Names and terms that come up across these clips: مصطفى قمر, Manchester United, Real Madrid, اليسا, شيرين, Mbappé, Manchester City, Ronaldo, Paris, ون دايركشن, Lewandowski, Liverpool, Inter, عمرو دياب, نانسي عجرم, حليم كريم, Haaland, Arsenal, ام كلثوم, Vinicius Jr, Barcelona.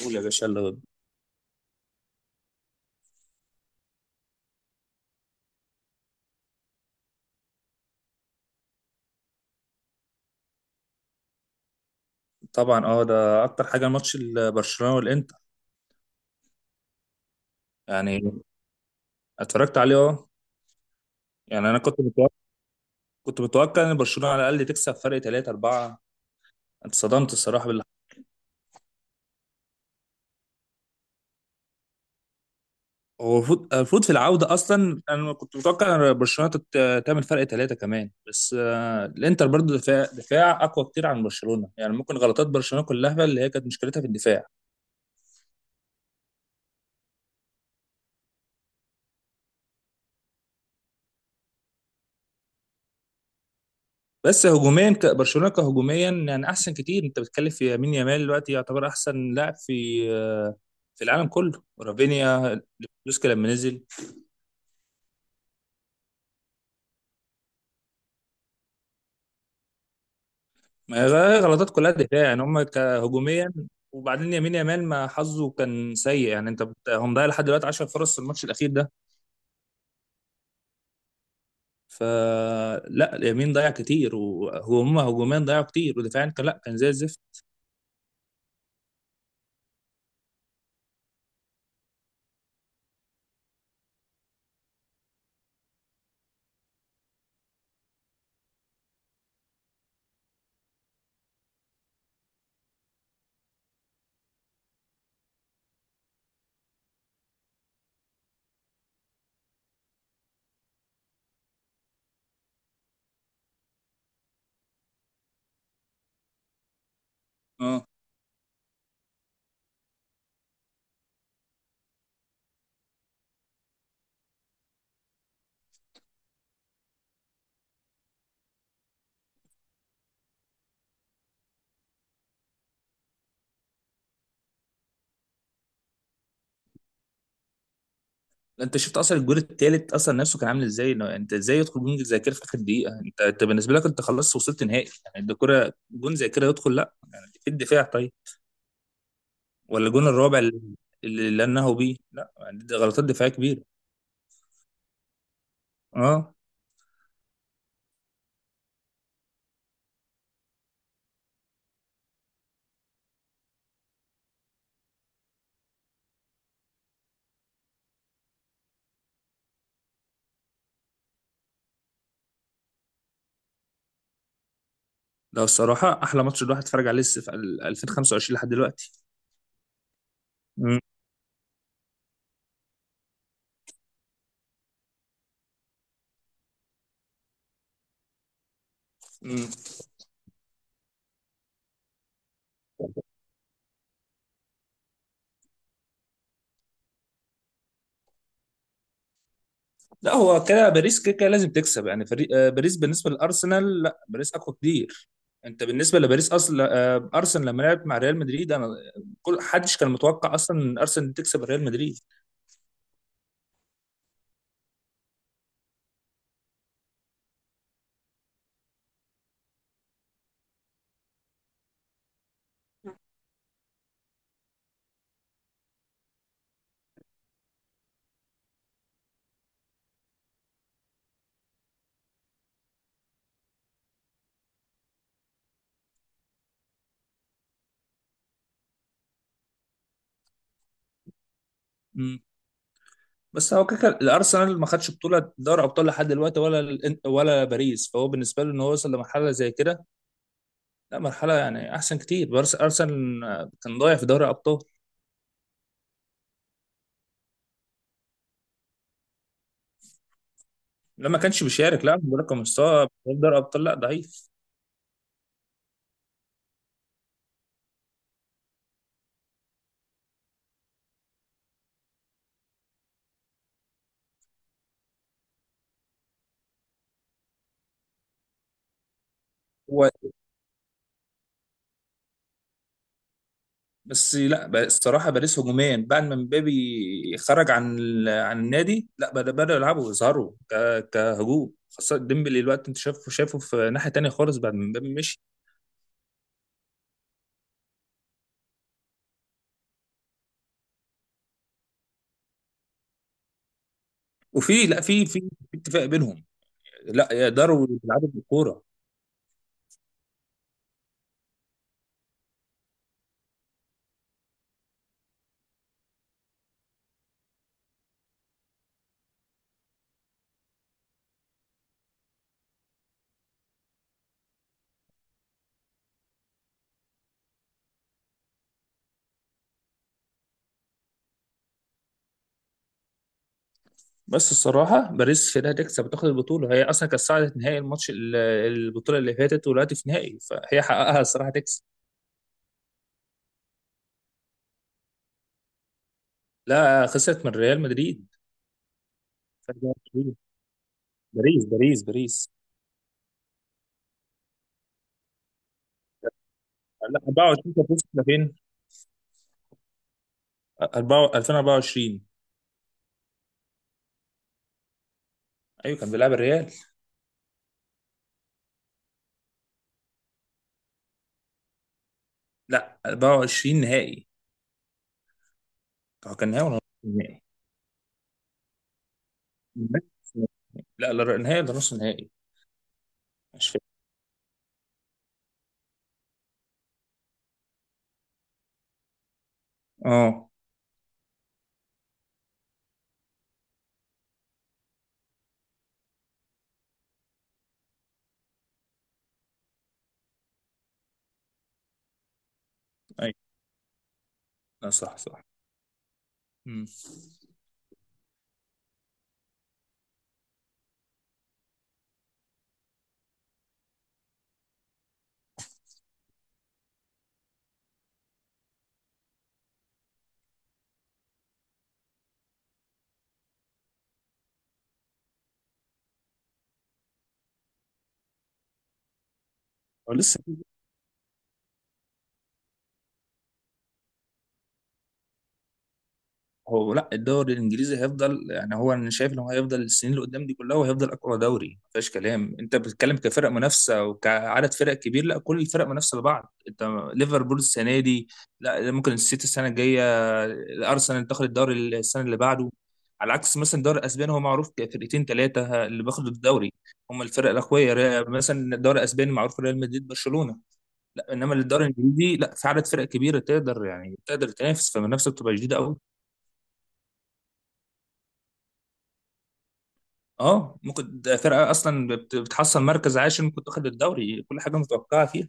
قول يا باشا يلا بينا. طبعا، ده اكتر حاجه ماتش برشلونه والانتر. يعني اتفرجت عليه، اه. يعني انا كنت متوقع، كنت متوقع ان برشلونه على الاقل تكسب فرق 3 4. اتصدمت الصراحه باللي حصل. هو المفروض، في العوده اصلا انا كنت متوقع ان برشلونه تعمل فرق 3 كمان، بس الانتر برضو دفاع دفاع اقوى كتير عن برشلونه، يعني ممكن غلطات برشلونه كلها اللي هي كانت مشكلتها في الدفاع. بس هجوميا، برشلونه كهجوميا يعني احسن كتير. انت بتتكلم في يمين يامال، دلوقتي يعتبر احسن لاعب في في العالم كله. رافينيا، ليفاندوسكي لما نزل. ما هي غلطات كلها دفاع، يعني هم كهجوميا. وبعدين يمين يامال ما حظه كان سيء، يعني انت هو مضيع لحد دلوقتي 10 فرص في الماتش الاخير ده. فلا اليمين ضيع كتير، وهم هجوميا ضيعوا كتير، ودفاعيا كان، لا كان زي الزفت. انت شفت اصلا الجول التالت اصلا نفسه كان عامل ازاي، إنه انت ازاي يدخل جون زي كده في اخر دقيقه؟ انت، بالنسبه لك انت خلاص وصلت نهائي، يعني انت كره جون زي كده يدخل، لا يعني في الدفاع طيب؟ ولا الجون الرابع اللي انهوا بيه، لا يعني دي غلطات دفاعيه كبيره. اه، ده الصراحه احلى ماتش الواحد اتفرج عليه، في 2025 لحد دلوقتي. مم. لا هو كده باريس كده كده لازم تكسب، يعني فريق باريس بالنسبه للارسنال، لا باريس اقوى كتير. انت بالنسبه لباريس اصلا، ارسنال لما لعبت مع ريال مدريد، انا كل حدش كان متوقع اصلا ان ارسنال تكسب ريال مدريد. مم. بس هو كده كده الارسنال ما خدش بطوله دوري ابطال لحد دلوقتي، ولا ولا باريس، فهو بالنسبه له ان هو وصل لمرحله زي كده، لا مرحله يعني احسن كتير. باريس، ارسنال كان ضايع في دوري ابطال. لما كانش بيشارك، لا برقم مستوى في دوري ابطال لا ضعيف. بس لا، الصراحه باريس هجوميا، بعد ما مبابي خرج عن عن النادي، لا بداوا يلعبوا يظهروا كهجوم، خاصه ديمبلي الوقت انت شايفه، شايفه في ناحيه تانية خالص بعد ما مبابي مشي. وفي لا في في في اتفاق بينهم لا يقدروا يلعبوا بالكوره. بس الصراحه باريس كده هتكسب وتاخد البطوله، هي اصلا كانت صعدت نهائي الماتش، البطوله اللي فاتت، ودلوقتي في نهائي، فهي حققها الصراحه تكسب. لا خسرت من ريال مدريد. فرق. باريس باريس. لا 24 كانت وصلت لفين؟ 2024. ايوه كان بيلعب الريال. لا 24 نهائي. هو كان نهائي ولا نص نهائي؟ لا لا، نهائي ولا نص نهائي؟ مش فاكر. اه. ايوه. لا صح صح. امم هو لسه، لا الدوري الانجليزي هيفضل، يعني هو انا شايف ان هو هيفضل السنين اللي قدام دي كلها، وهيفضل اقوى دوري ما فيهاش كلام. انت بتتكلم كفرق منافسه وكعدد فرق كبير، لا كل الفرق منافسه لبعض. انت ليفربول السنه دي، لا ممكن السيتي السنه الجايه، الارسنال تاخد الدوري السنه اللي بعده. على عكس مثلا الدوري الاسباني، هو معروف كفرقتين ثلاثه اللي بياخدوا الدوري، هم الفرق الاقوياء. مثلا الدوري الاسباني معروف ريال مدريد برشلونه. لا انما الدوري الانجليزي لا، في عدد فرق كبيره تقدر يعني تقدر تنافس، فالمنافسه بتبقى جديده قوي. اه ممكن، ده فرقه اصلا بتحصل مركز عاشر ممكن تاخد الدوري، كل حاجه متوقعه فيها.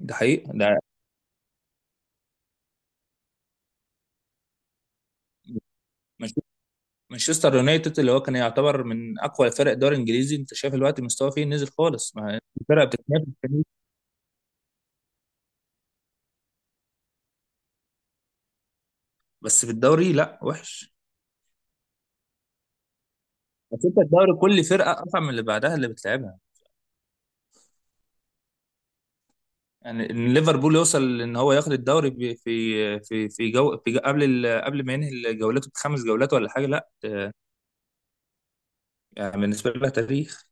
ده حقيقه ده. مانش- مانشستر يونايتد اللي هو كان يعتبر من اقوى فرق الدوري الانجليزي، انت شايف الوقت مستواه فيه نزل خالص، ما الفرقه بتتنافس كتير. بس في الدوري لا وحش. بس انت الدوري كل فرقه اصعب من اللي بعدها اللي بتلعبها. يعني ان ليفربول يوصل ان هو ياخد الدوري، في جو، في جو قبل قبل ما ينهي جولته بخمس جولات ولا حاجه، لا يعني بالنسبه لها تاريخ.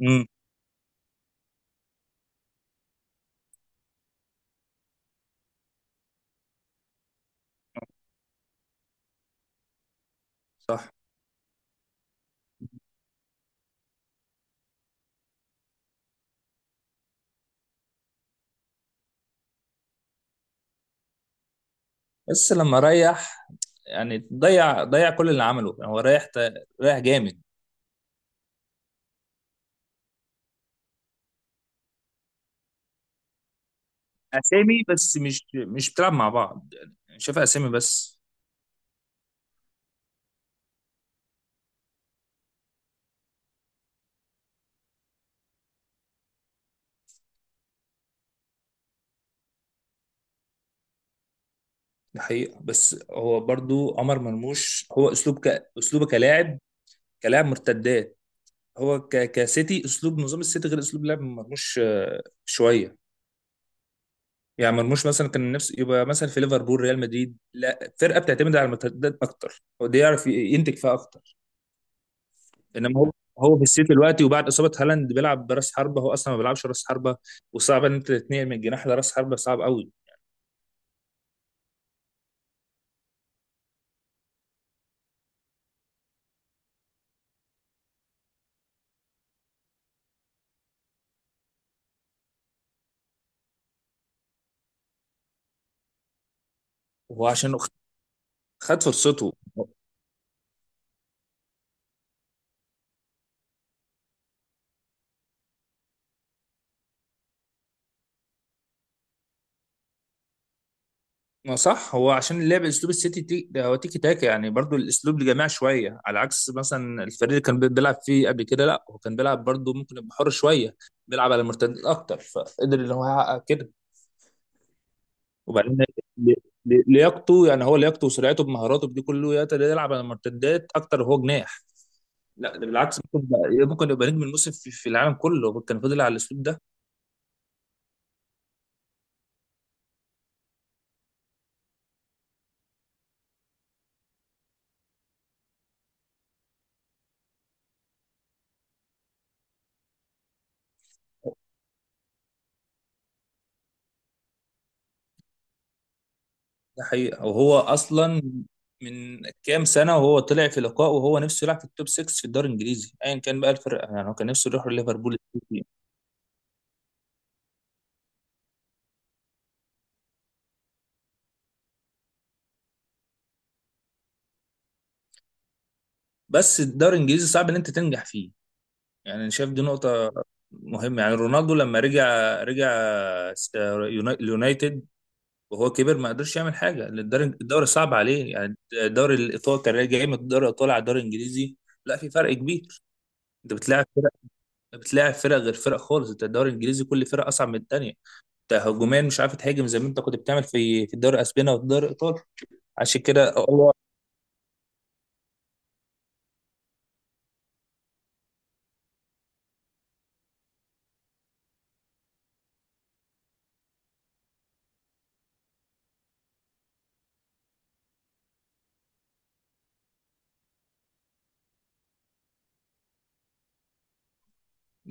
مم. بس لما ريح، يعني ضيع، كل اللي عمله، يعني هو رايح، رايح جامد. اسامي بس، مش بتلعب مع بعض، يعني شايف اسامي بس. دي حقيقة، بس هو برضو عمر مرموش هو اسلوب اسلوبه كلاعب، كلاعب مرتدات. هو كسيتي اسلوب نظام السيتي غير اسلوب لعب مرموش شوية. يعني مرموش مثلا كان نفسه يبقى مثلا في ليفربول ريال مدريد، لا فرقة بتعتمد على المرتدات اكتر، هو ده يعرف ينتج فيها اكتر. انما هو، في السيتي دلوقتي وبعد اصابه هالاند بيلعب براس حربه، هو اصلا ما بيلعبش راس حربه، وصعب ان انت تتنقل من جناح لراس حربه، صعب قوي. وهو عشان خد فرصته. ما صح، هو عشان اللعب اسلوب السيتي ده هو تيكي تاكا، يعني برضو الاسلوب لجماعي شويه، على عكس مثلا الفريق اللي كان بيلعب فيه قبل كده، لا هو كان بيلعب برضو ممكن يبقى حر شويه، بيلعب على المرتدات اكتر، فقدر ان هو يحقق كده. وبعدين ل- لياقته، يعني هو لياقته وسرعته بمهاراته بدي كله يقدر يلعب على المرتدات اكتر وهو جناح. لا ده بالعكس، ممكن يبقى، نجم الموسم في، العالم كله، كان فضل على الاسلوب ده. ده حقيقه، وهو اصلا من كام سنه وهو طلع في لقاء وهو نفسه يلعب في التوب 6 في الدوري الانجليزي، ايا كان بقى الفرق، يعني هو كان نفسه يروح ليفربول السيتي. بس الدوري الانجليزي صعب ان انت تنجح فيه، يعني انا شايف دي نقطه مهمه. يعني رونالدو لما رجع، رجع اليونايتد وهو كبر، ما قدرش يعمل حاجه لأن الدوري، صعب عليه. يعني الدوري الايطالي كان جاي من الدوري الايطالي على الدوري الانجليزي، لا في فرق كبير. انت بتلاعب، فرق غير فرق خالص، انت الدوري الانجليزي كل فرقه اصعب من الثانيه. انت هجوميا مش عارف تهاجم زي ما انت كنت بتعمل في، الدوري الاسباني او الدوري الايطالي، عشان كده الله.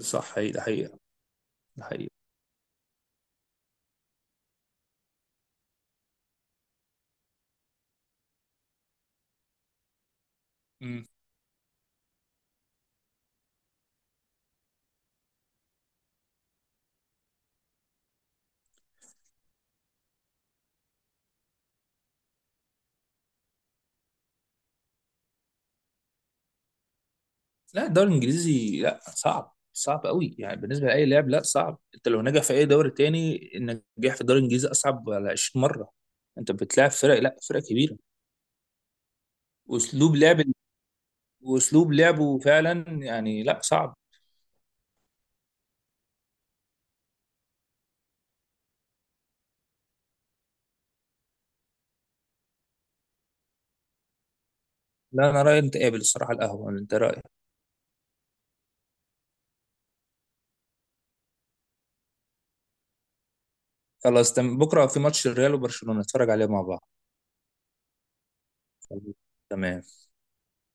صح، ده حقيقه، ده حقيقه. مم. لا الدوري الانجليزي لا صعب، صعب قوي، يعني بالنسبه لاي لاعب لا صعب. انت لو نجح في اي دوري تاني، النجاح في الدوري الانجليزي اصعب على 20 مره. انت بتلاعب فرق، لا فرق كبيره، واسلوب لعب، واسلوب لعبه فعلا، يعني لا صعب. لا انا رايي انت قابل الصراحه القهوه، انت رايك؟ خلاص تمام، بكره في ماتش الريال وبرشلونه نتفرج عليه مع بعض. تمام.